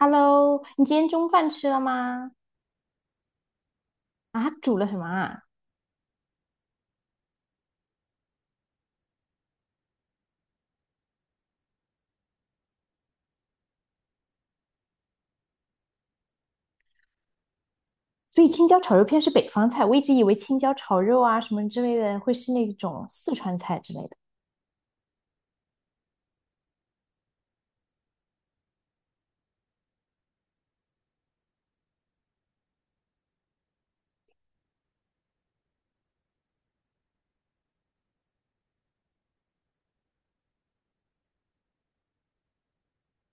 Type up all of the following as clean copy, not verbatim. OK，Hello，你今天中饭吃了吗？啊，煮了什么啊？所以青椒炒肉片是北方菜，我一直以为青椒炒肉啊什么之类的会是那种四川菜之类的。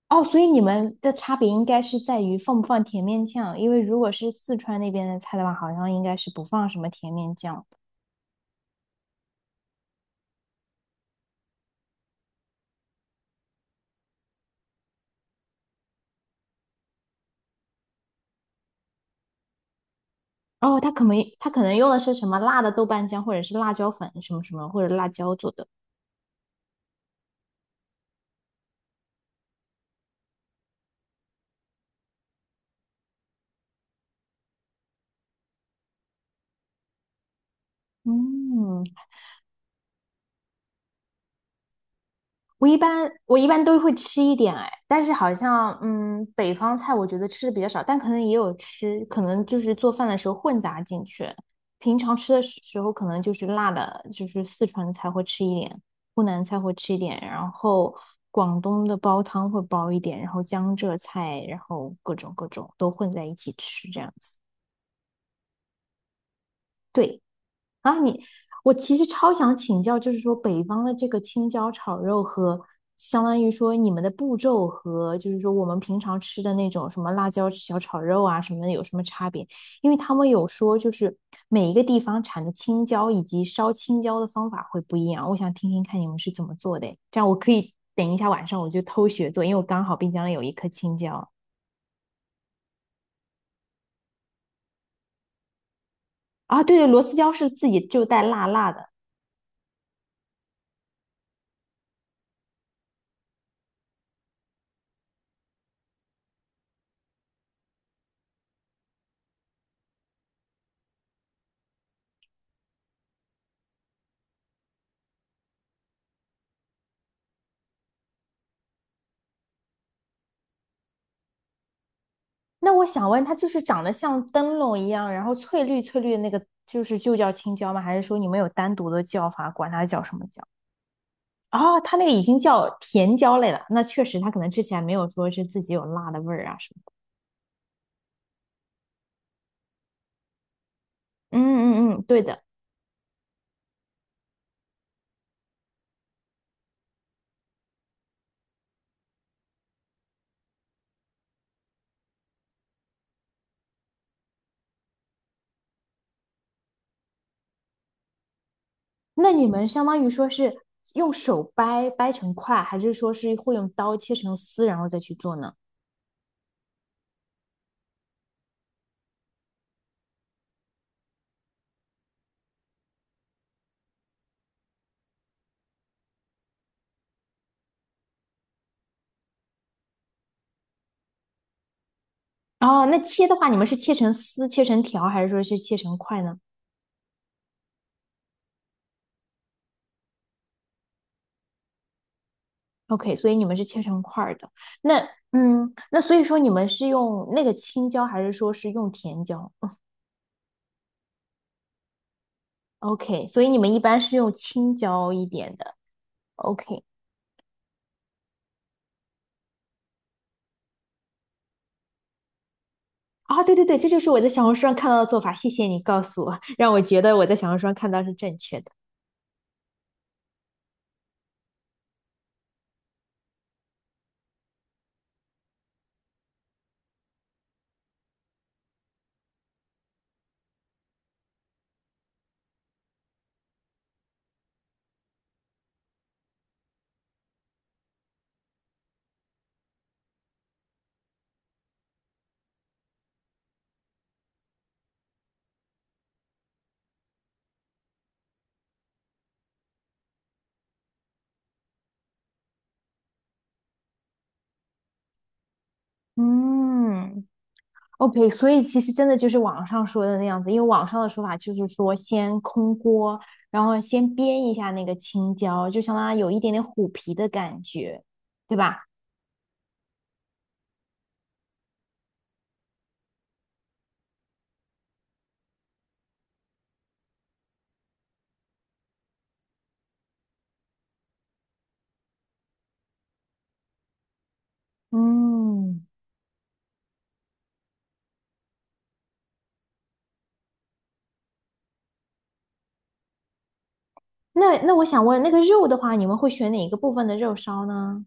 哦，所以你们的差别应该是在于放不放甜面酱，因为如果是四川那边的菜的话，好像应该是不放什么甜面酱的。哦，他可能用的是什么辣的豆瓣酱，或者是辣椒粉什么什么，或者辣椒做的。嗯，我一般都会吃一点哎，但是好像北方菜我觉得吃的比较少，但可能也有吃，可能就是做饭的时候混杂进去。平常吃的时候可能就是辣的，就是四川菜会吃一点，湖南菜会吃一点，然后广东的煲汤会煲一点，然后江浙菜，然后各种各种都混在一起吃这样子。对。啊，你，我其实超想请教，就是说北方的这个青椒炒肉和相当于说你们的步骤和就是说我们平常吃的那种什么辣椒小炒肉啊什么的有什么差别？因为他们有说就是每一个地方产的青椒以及烧青椒的方法会不一样，我想听听看你们是怎么做的诶这样我可以等一下晚上我就偷学做，因为我刚好冰箱里有一颗青椒啊，对对，螺丝椒是自己就带辣辣的。那我想问，它就是长得像灯笼一样，然后翠绿翠绿的那个，就是就叫青椒吗？还是说你们有单独的叫法，管它叫什么椒？哦，它那个已经叫甜椒类了，那确实它可能吃起来没有说是自己有辣的味儿啊什么的。嗯嗯嗯，对的。那你们相当于说是用手掰掰成块，还是说是会用刀切成丝然后再去做呢？哦，那切的话，你们是切成丝、切成条，还是说是切成块呢？OK，所以你们是切成块儿的。那嗯，那所以说你们是用那个青椒，还是说是用甜椒？OK，所以你们一般是用青椒一点的。OK，啊，对对对，这就是我在小红书上看到的做法。谢谢你告诉我，让我觉得我在小红书上看到是正确的。嗯，OK，所以其实真的就是网上说的那样子，因为网上的说法就是说先空锅，然后先煸一下那个青椒，就相当于有一点点虎皮的感觉，对吧？嗯。那我想问，那个肉的话，你们会选哪一个部分的肉烧呢？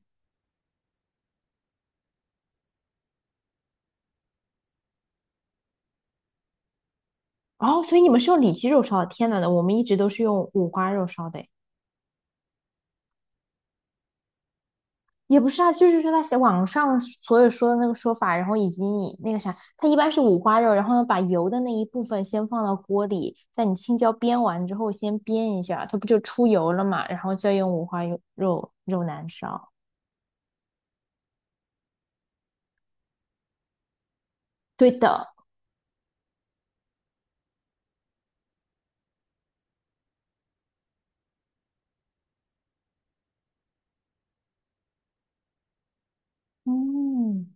哦，所以你们是用里脊肉烧的。天呐，我们一直都是用五花肉烧的诶也不是啊，就是说他写网上所有说的那个说法，然后以及你那个啥，它一般是五花肉，然后呢把油的那一部分先放到锅里，在你青椒煸完之后先煸一下，它不就出油了嘛，然后再用五花肉肉难烧。对的，嗯，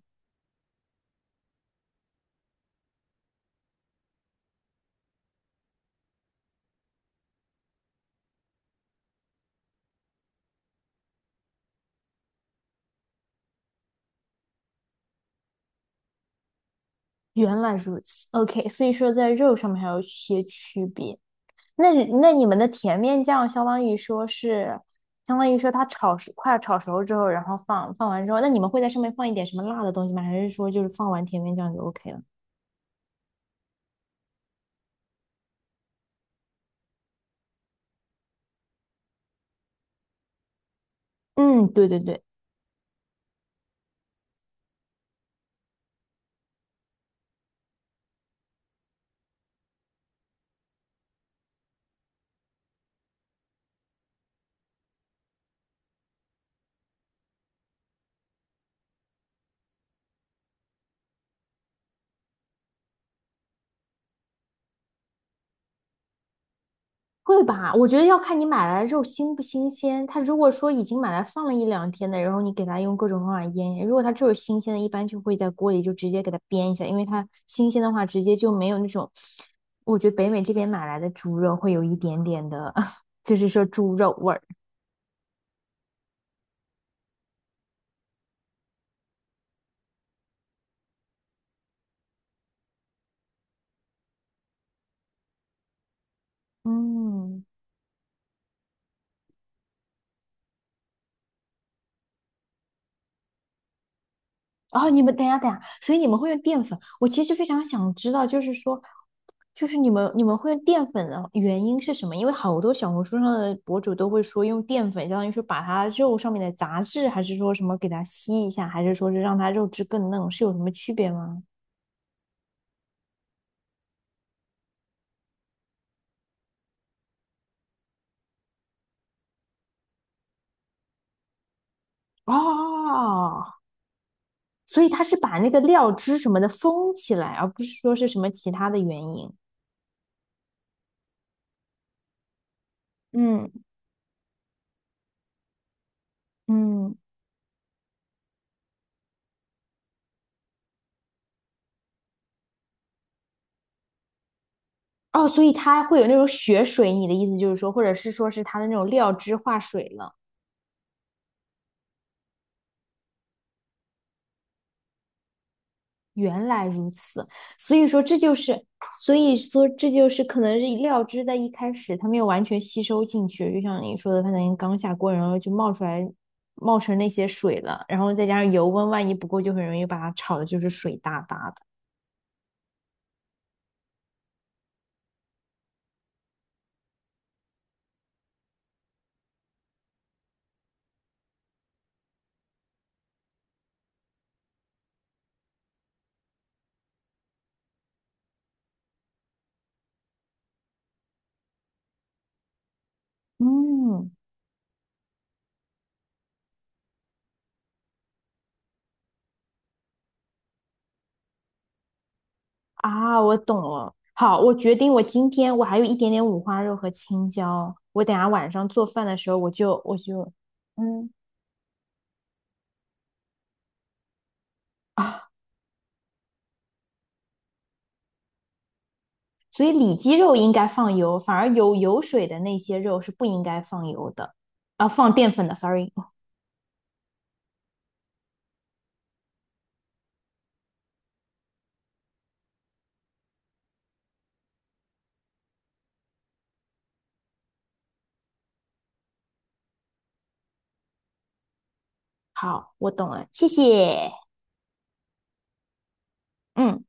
原来如此。OK，所以说在肉上面还有一些区别。那那你们的甜面酱相当于说是，相当于说它炒熟，快要炒熟之后，然后放完之后，那你们会在上面放一点什么辣的东西吗？还是说就是放完甜面酱就 OK 了？嗯，对对对，会吧？我觉得要看你买来的肉新不新鲜。它如果说已经买来放了一两天的，然后你给它用各种方法腌，如果它就是新鲜的，一般就会在锅里就直接给它煸一下，因为它新鲜的话直接就没有那种，我觉得北美这边买来的猪肉会有一点点的，就是说猪肉味儿。嗯，哦，你们等一下，所以你们会用淀粉？我其实非常想知道，就是说，就是你们会用淀粉的原因是什么？因为好多小红书上的博主都会说用淀粉，相当于说把它肉上面的杂质，还是说什么给它吸一下，还是说是让它肉质更嫩，是有什么区别吗？哦，所以它是把那个料汁什么的封起来，而不是说是什么其他的原因。嗯嗯，哦，所以它会有那种血水，你的意思就是说，或者是说是它的那种料汁化水了。原来如此，所以说这就是，所以说这就是可能是料汁在一开始它没有完全吸收进去，就像你说的，它可能刚下锅，然后就冒出来，冒成那些水了，然后再加上油温，万一不够，就很容易把它炒的就是水哒哒的。嗯，啊，我懂了。好，我决定，我今天我还有一点点五花肉和青椒，我等下晚上做饭的时候我就嗯啊，所以里脊肉应该放油，反而有油水的那些肉是不应该放油的，啊，放淀粉的，sorry。好，我懂了，谢谢。嗯。